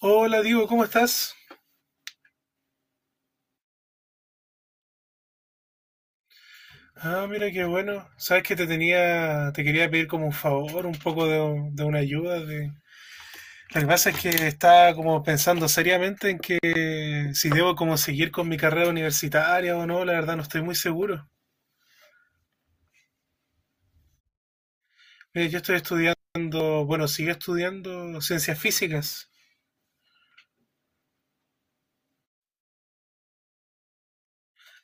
Hola, Diego, ¿cómo estás? Ah, mira qué bueno. Sabes que te quería pedir como un favor, un poco de una ayuda. Lo que pasa es que estaba como pensando seriamente en que si debo como seguir con mi carrera universitaria o no, la verdad no estoy muy seguro. Mira, yo estoy estudiando, bueno, sigo estudiando ciencias físicas.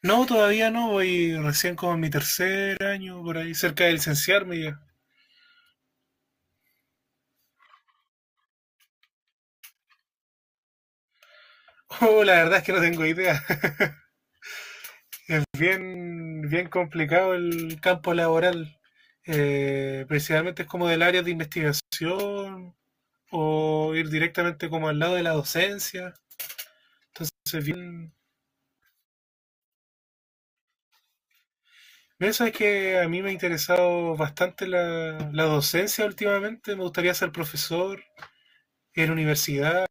No, todavía no, voy recién como en mi tercer año, por ahí, cerca de licenciarme ya. Oh, la verdad es que no tengo idea. Es bien, bien complicado el campo laboral. Principalmente es como del área de investigación o ir directamente como al lado de la docencia. Entonces, bien. Eso es que a mí me ha interesado bastante la docencia últimamente. Me gustaría ser profesor en universidad,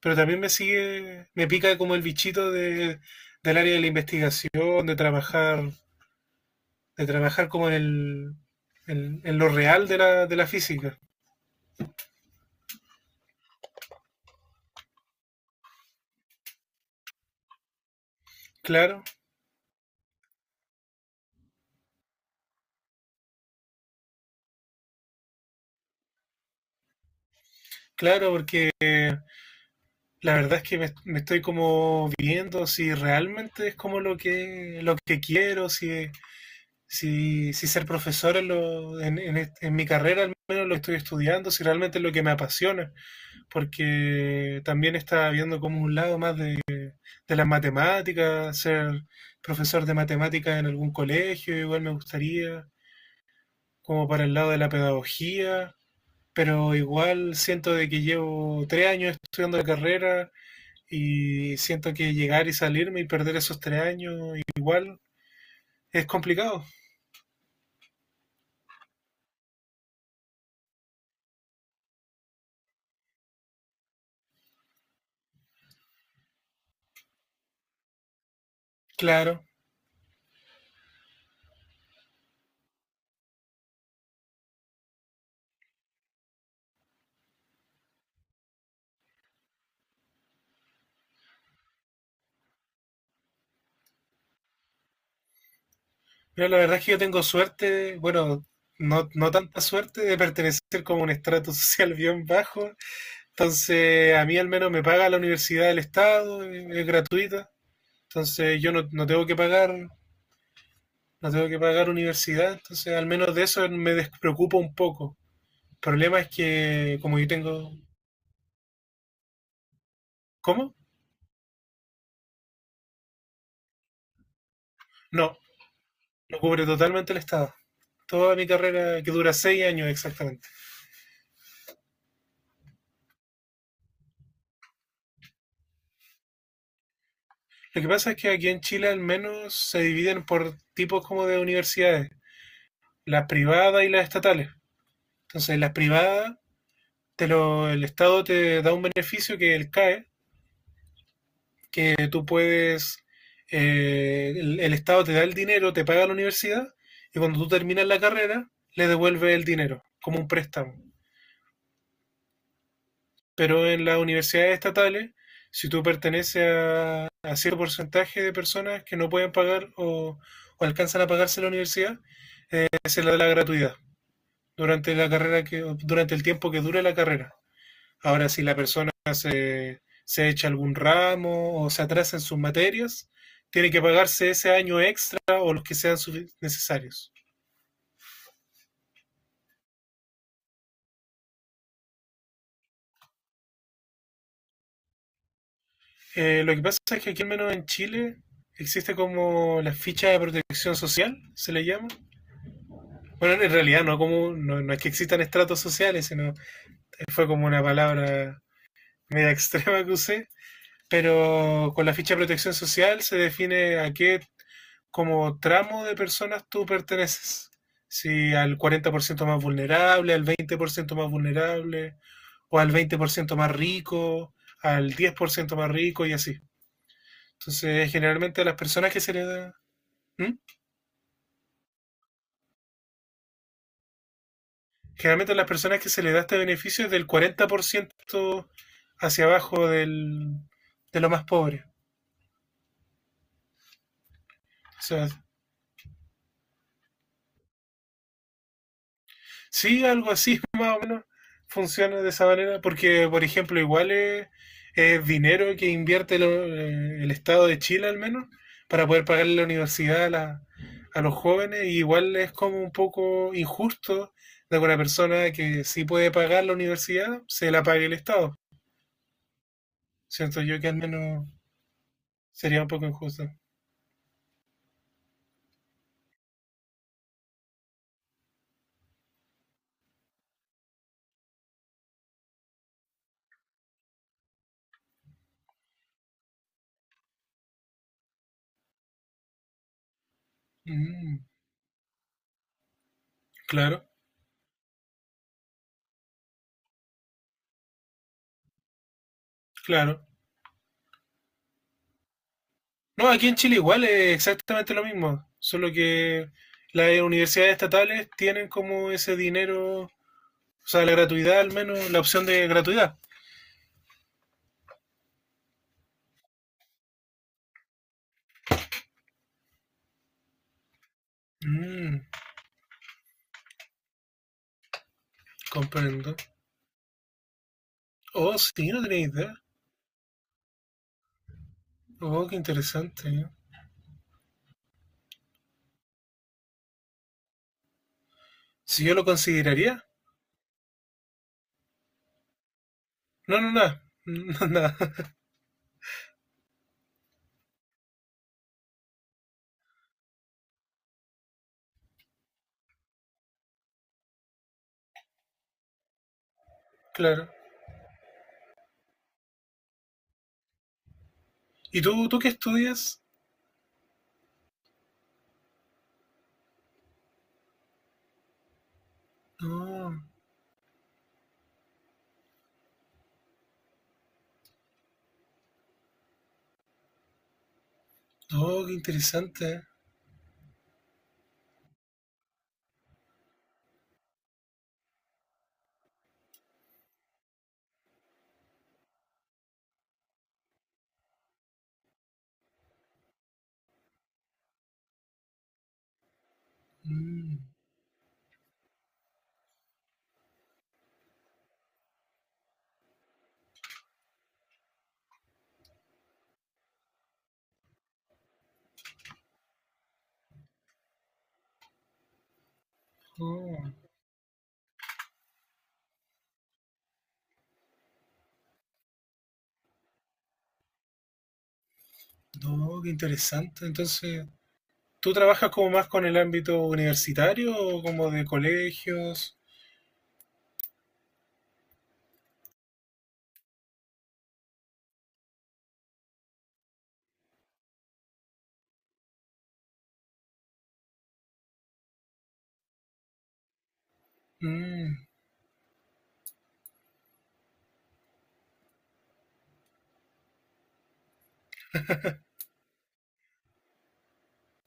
pero también me pica como el bichito del área de la investigación, de trabajar como en, el, en lo real de la física. Claro, claro, porque la verdad es que me estoy como viendo si realmente es como lo que quiero, si ser profesor en, lo- en est- en mi carrera al menos lo que estoy estudiando, si realmente es lo que me apasiona, porque también está viendo como un lado más de las matemáticas, ser profesor de matemáticas en algún colegio, igual me gustaría, como para el lado de la pedagogía, pero igual siento de que llevo 3 años estudiando la carrera. Y siento que llegar y salirme y perder esos 3 años igual es complicado. Claro. Pero la verdad es que yo tengo suerte, bueno, no, no tanta suerte de pertenecer como a un estrato social bien bajo. Entonces, a mí al menos me paga la universidad del Estado, es gratuita. Entonces, yo no, no tengo que pagar, no tengo que pagar universidad. Entonces, al menos de eso me despreocupo un poco. El problema es que, como yo tengo. ¿Cómo? No, lo cubre totalmente el Estado. Toda mi carrera, que dura 6 años exactamente. Lo que pasa es que aquí en Chile al menos se dividen por tipos como de universidades, las privadas y las estatales. Entonces, las privadas, el Estado te da un beneficio que es el CAE, que tú puedes, el Estado te da el dinero, te paga la universidad, y cuando tú terminas la carrera, le devuelve el dinero como un préstamo. Pero en las universidades estatales, si tú perteneces a cierto porcentaje de personas que no pueden pagar o alcanzan a pagarse la universidad, se le da la gratuidad durante la carrera que, durante el tiempo que dure la carrera. Ahora, si la persona se echa algún ramo o se atrasa en sus materias, tiene que pagarse ese año extra o los que sean necesarios. Lo que pasa es que aquí al menos en Chile existe como la ficha de protección social, se le llama. Bueno, en realidad no, como, no es que existan estratos sociales, sino fue como una palabra media extrema que usé, pero con la ficha de protección social se define a qué como tramo de personas tú perteneces. Si al 40% más vulnerable, al 20% más vulnerable, o al 20% más rico, al 10% más rico y así. Entonces, generalmente a las personas que se les da. ¿Mm? Generalmente las personas que se les da este beneficio es del 40% hacia abajo del, de lo más pobre. O sea, sí, algo así más o menos funciona de esa manera, porque, por ejemplo, igual es dinero que invierte lo- el Estado de Chile al menos para poder pagarle la universidad a los jóvenes, y igual es como un poco injusto de que una persona que sí puede pagar la universidad se la pague el Estado. Siento yo que al menos sería un poco injusto. Mm, claro, claro. No, aquí en Chile igual es exactamente lo mismo, solo que las universidades estatales tienen como ese dinero, o sea, la gratuidad al menos, la opción de gratuidad. Mm, comprendo. Oh, sí, no tenía idea. Oh, qué interesante. Si yo lo consideraría. No, no, nada. No, nada. Claro. ¿Y tú qué estudias? No. Oh, qué interesante. Mm, oh, no, qué interesante. Entonces, ¿tú trabajas como más con el ámbito universitario o como de colegios? Mm,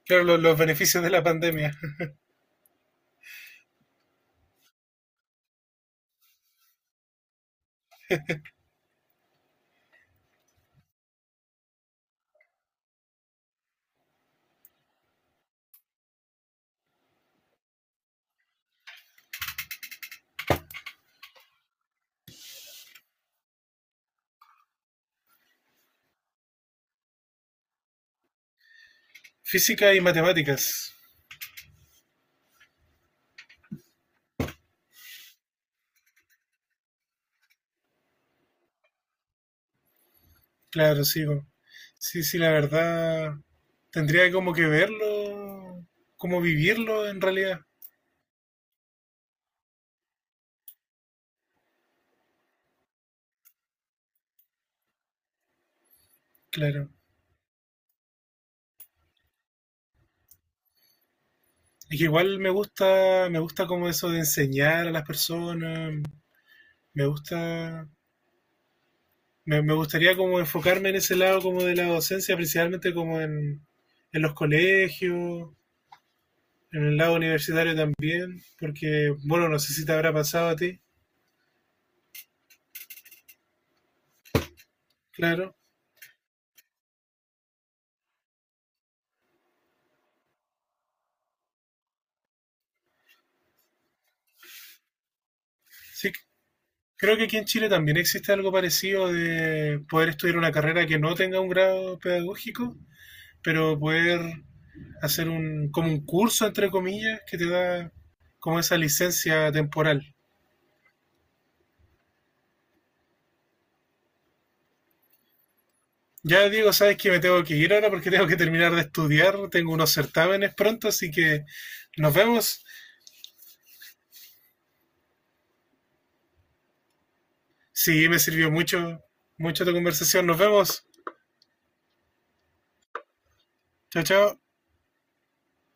claro, los beneficios de la pandemia. Física y matemáticas. Claro, sigo. Sí, sí, la verdad. Tendría como que verlo, como vivirlo en realidad. Claro. Es que igual me gusta como eso de enseñar a las personas. Me gusta, me gustaría como enfocarme en ese lado como de la docencia, principalmente como en los colegios, en el lado universitario también, porque, bueno, no sé si te habrá pasado a ti, claro. Sí, creo que aquí en Chile también existe algo parecido de poder estudiar una carrera que no tenga un grado pedagógico, pero poder hacer un, como un curso, entre comillas, que te da como esa licencia temporal. Ya, Diego, sabes que me tengo que ir ahora porque tengo que terminar de estudiar, tengo unos certámenes pronto, así que nos vemos. Sí, me sirvió mucho, mucho tu conversación, nos vemos. Chao, chao.